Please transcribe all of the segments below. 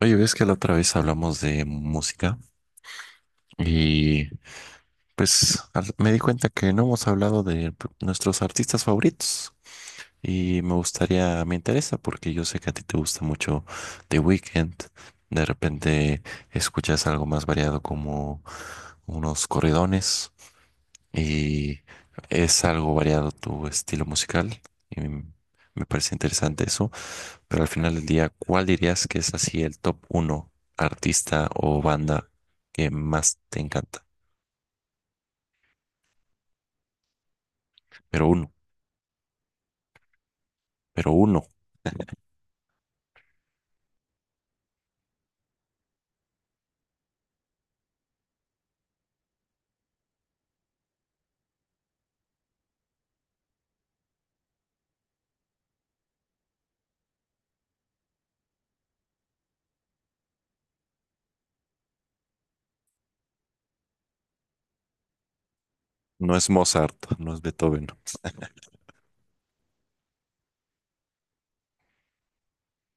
Oye, ves que la otra vez hablamos de música y pues me di cuenta que no hemos hablado de nuestros artistas favoritos y me gustaría, me interesa porque yo sé que a ti te gusta mucho The Weeknd. De repente escuchas algo más variado como unos corridones y es algo variado tu estilo musical y me parece interesante eso. Pero al final del día, ¿cuál dirías que es así el top uno artista o banda que más te encanta? Pero uno, pero uno. No es Mozart, no es Beethoven,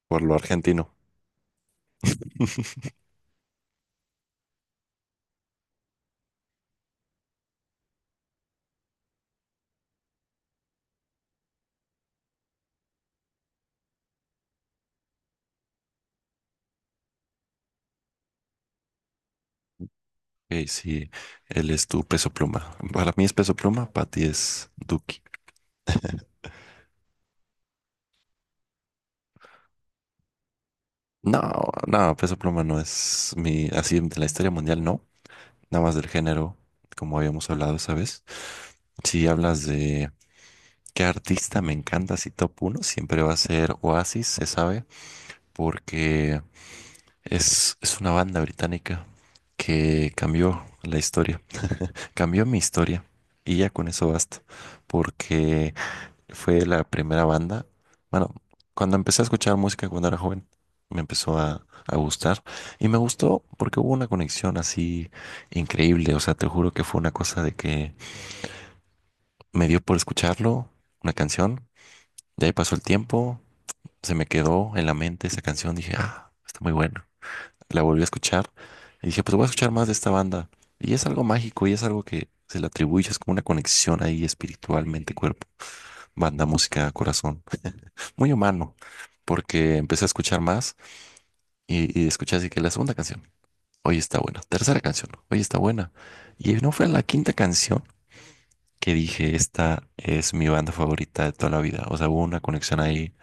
por lo argentino. Ok, sí, él es tu Peso Pluma. Para mí es Peso Pluma, para ti es Duki. No, no, Peso Pluma no es mi, así de la historia mundial, no. Nada más del género, como habíamos hablado esa vez. Si hablas de qué artista me encanta, si top uno, siempre va a ser Oasis, se sabe, porque es una banda británica que cambió la historia, cambió mi historia y ya con eso basta, porque fue la primera banda, bueno, cuando empecé a escuchar música cuando era joven, me empezó a gustar y me gustó porque hubo una conexión así increíble. O sea, te juro que fue una cosa de que me dio por escucharlo, una canción. De ahí pasó el tiempo, se me quedó en la mente esa canción, dije, ah, está muy buena. La volví a escuchar y dije, pues voy a escuchar más de esta banda. Y es algo mágico y es algo que se le atribuye, es como una conexión ahí espiritualmente, cuerpo, banda, música, corazón, muy humano, porque empecé a escuchar más y escuché así que la segunda canción, hoy está buena, tercera canción, hoy está buena. Y no fue la quinta canción que dije, esta es mi banda favorita de toda la vida. O sea, hubo una conexión ahí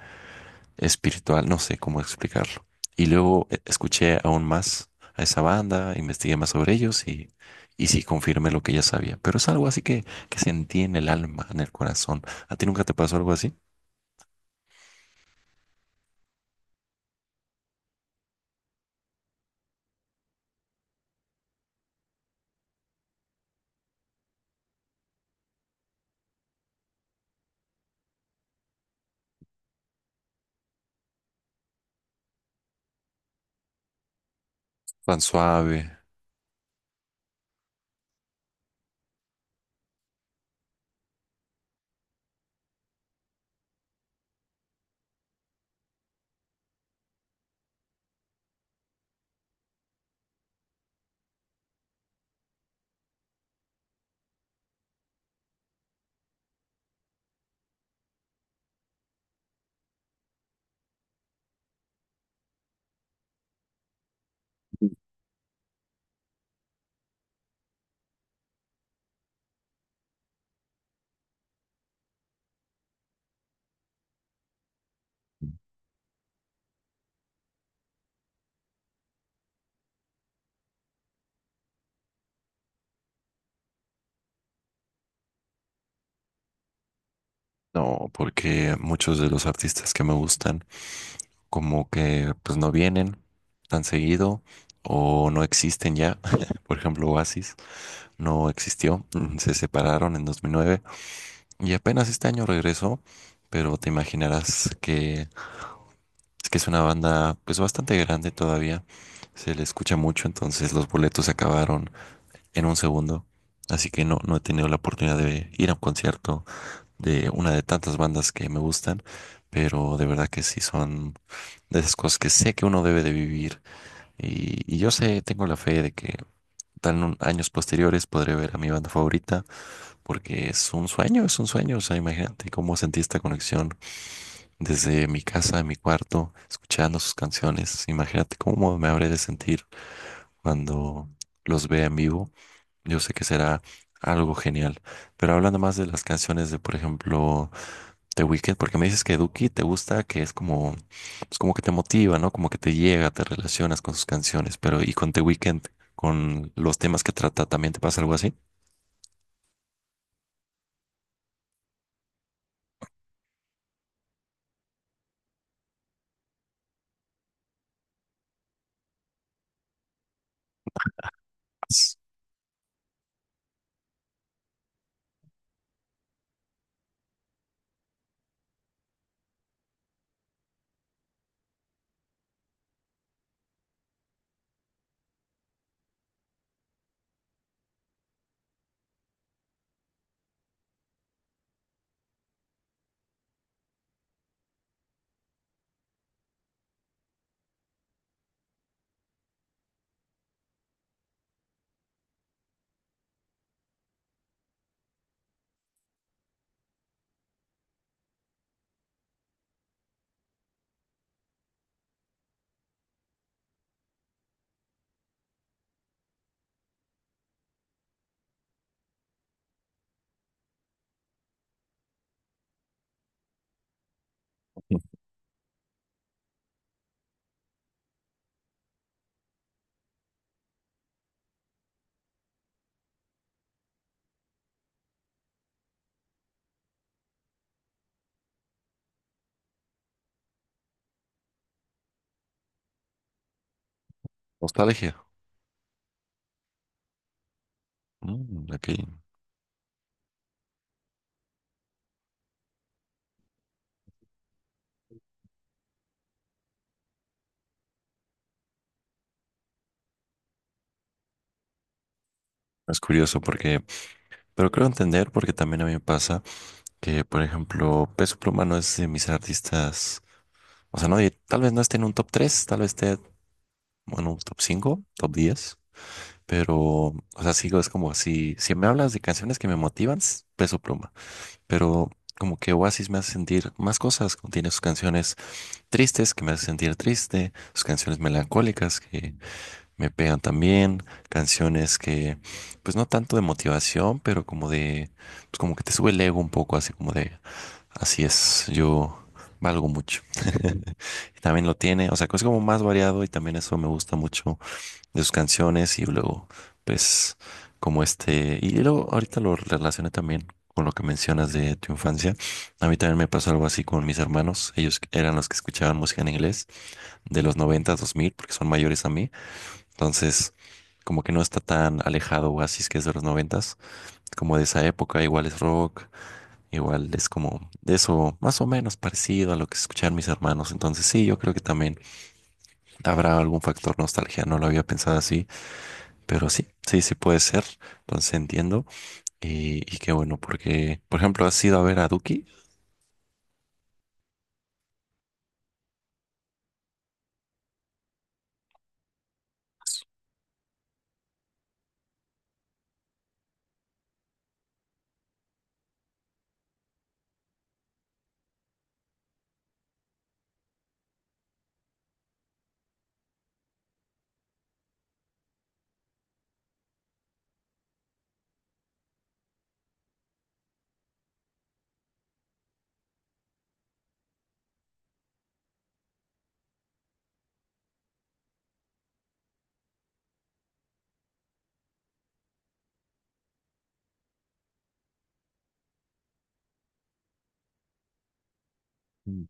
espiritual, no sé cómo explicarlo. Y luego escuché aún más a esa banda, investigué más sobre ellos y sí confirmé lo que ya sabía. Pero es algo así que sentí en el alma, en el corazón. ¿A ti nunca te pasó algo así? Tan suave. No, porque muchos de los artistas que me gustan como que pues no vienen tan seguido o no existen ya. Por ejemplo, Oasis no existió, se separaron en 2009. Y apenas este año regresó, pero te imaginarás que es una banda pues bastante grande todavía. Se le escucha mucho, entonces los boletos se acabaron en un segundo. Así que no, no he tenido la oportunidad de ir a un concierto de una de tantas bandas que me gustan, pero de verdad que sí son de esas cosas que sé que uno debe de vivir. Y yo sé, tengo la fe de que tal en años posteriores podré ver a mi banda favorita, porque es un sueño, es un sueño. O sea, imagínate cómo sentí esta conexión desde mi casa, en mi cuarto, escuchando sus canciones. Imagínate cómo me habré de sentir cuando los vea en vivo. Yo sé que será algo genial. Pero hablando más de las canciones de, por ejemplo, The Weeknd, porque me dices que Duki te gusta, que es como, pues como que te motiva, ¿no? Como que te llega, te relacionas con sus canciones. Pero ¿y con The Weeknd, con los temas que trata, también te pasa algo así? Sí. Nostalgia. Mm, ok. Es curioso porque, pero creo entender porque también a mí me pasa. Que, por ejemplo, Peso Pluma no es de mis artistas, o sea, no, tal vez no esté en un top tres, tal vez esté en un top cinco, top 10, pero, o sea, sigo, es como si me hablas de canciones que me motivan, Peso Pluma, pero como que Oasis me hace sentir más cosas, como tiene sus canciones tristes que me hacen sentir triste, sus canciones melancólicas que me pegan también, canciones que, pues no tanto de motivación, pero como de, pues como que te sube el ego un poco, así como de: así es, yo valgo mucho. También lo tiene, o sea, que es como más variado y también eso me gusta mucho de sus canciones y luego, pues, como este, y luego ahorita lo relacioné también con lo que mencionas de tu infancia. A mí también me pasó algo así con mis hermanos, ellos eran los que escuchaban música en inglés de los noventa, dos mil, porque son mayores a mí, entonces... Como que no está tan alejado Oasis, que es de los noventas, como de esa época, igual es rock, igual es como eso, más o menos parecido a lo que escuchar mis hermanos. Entonces sí, yo creo que también habrá algún factor nostalgia. No lo había pensado así, pero sí, sí, sí puede ser. Entonces entiendo. Y qué bueno, porque, por ejemplo, has ido a ver a Duki. Mm.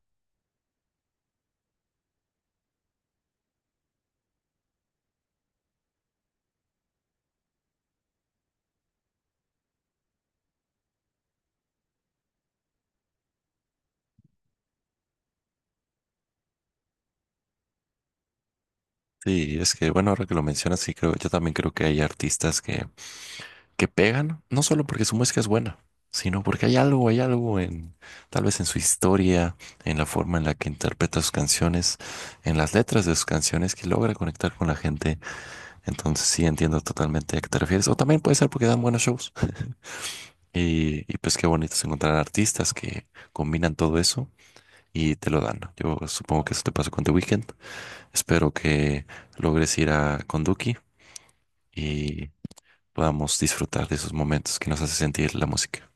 Sí, es que bueno, ahora que lo mencionas, sí creo, yo también creo que hay artistas que pegan, no solo porque su música es buena, sino porque hay algo en, tal vez en su historia, en la forma en la que interpreta sus canciones, en las letras de sus canciones que logra conectar con la gente. Entonces sí entiendo totalmente a qué te refieres. O también puede ser porque dan buenos shows. Y pues qué bonito es encontrar artistas que combinan todo eso y te lo dan. Yo supongo que eso te pasó con The Weeknd. Espero que logres ir a con Duki y podamos disfrutar de esos momentos que nos hace sentir la música.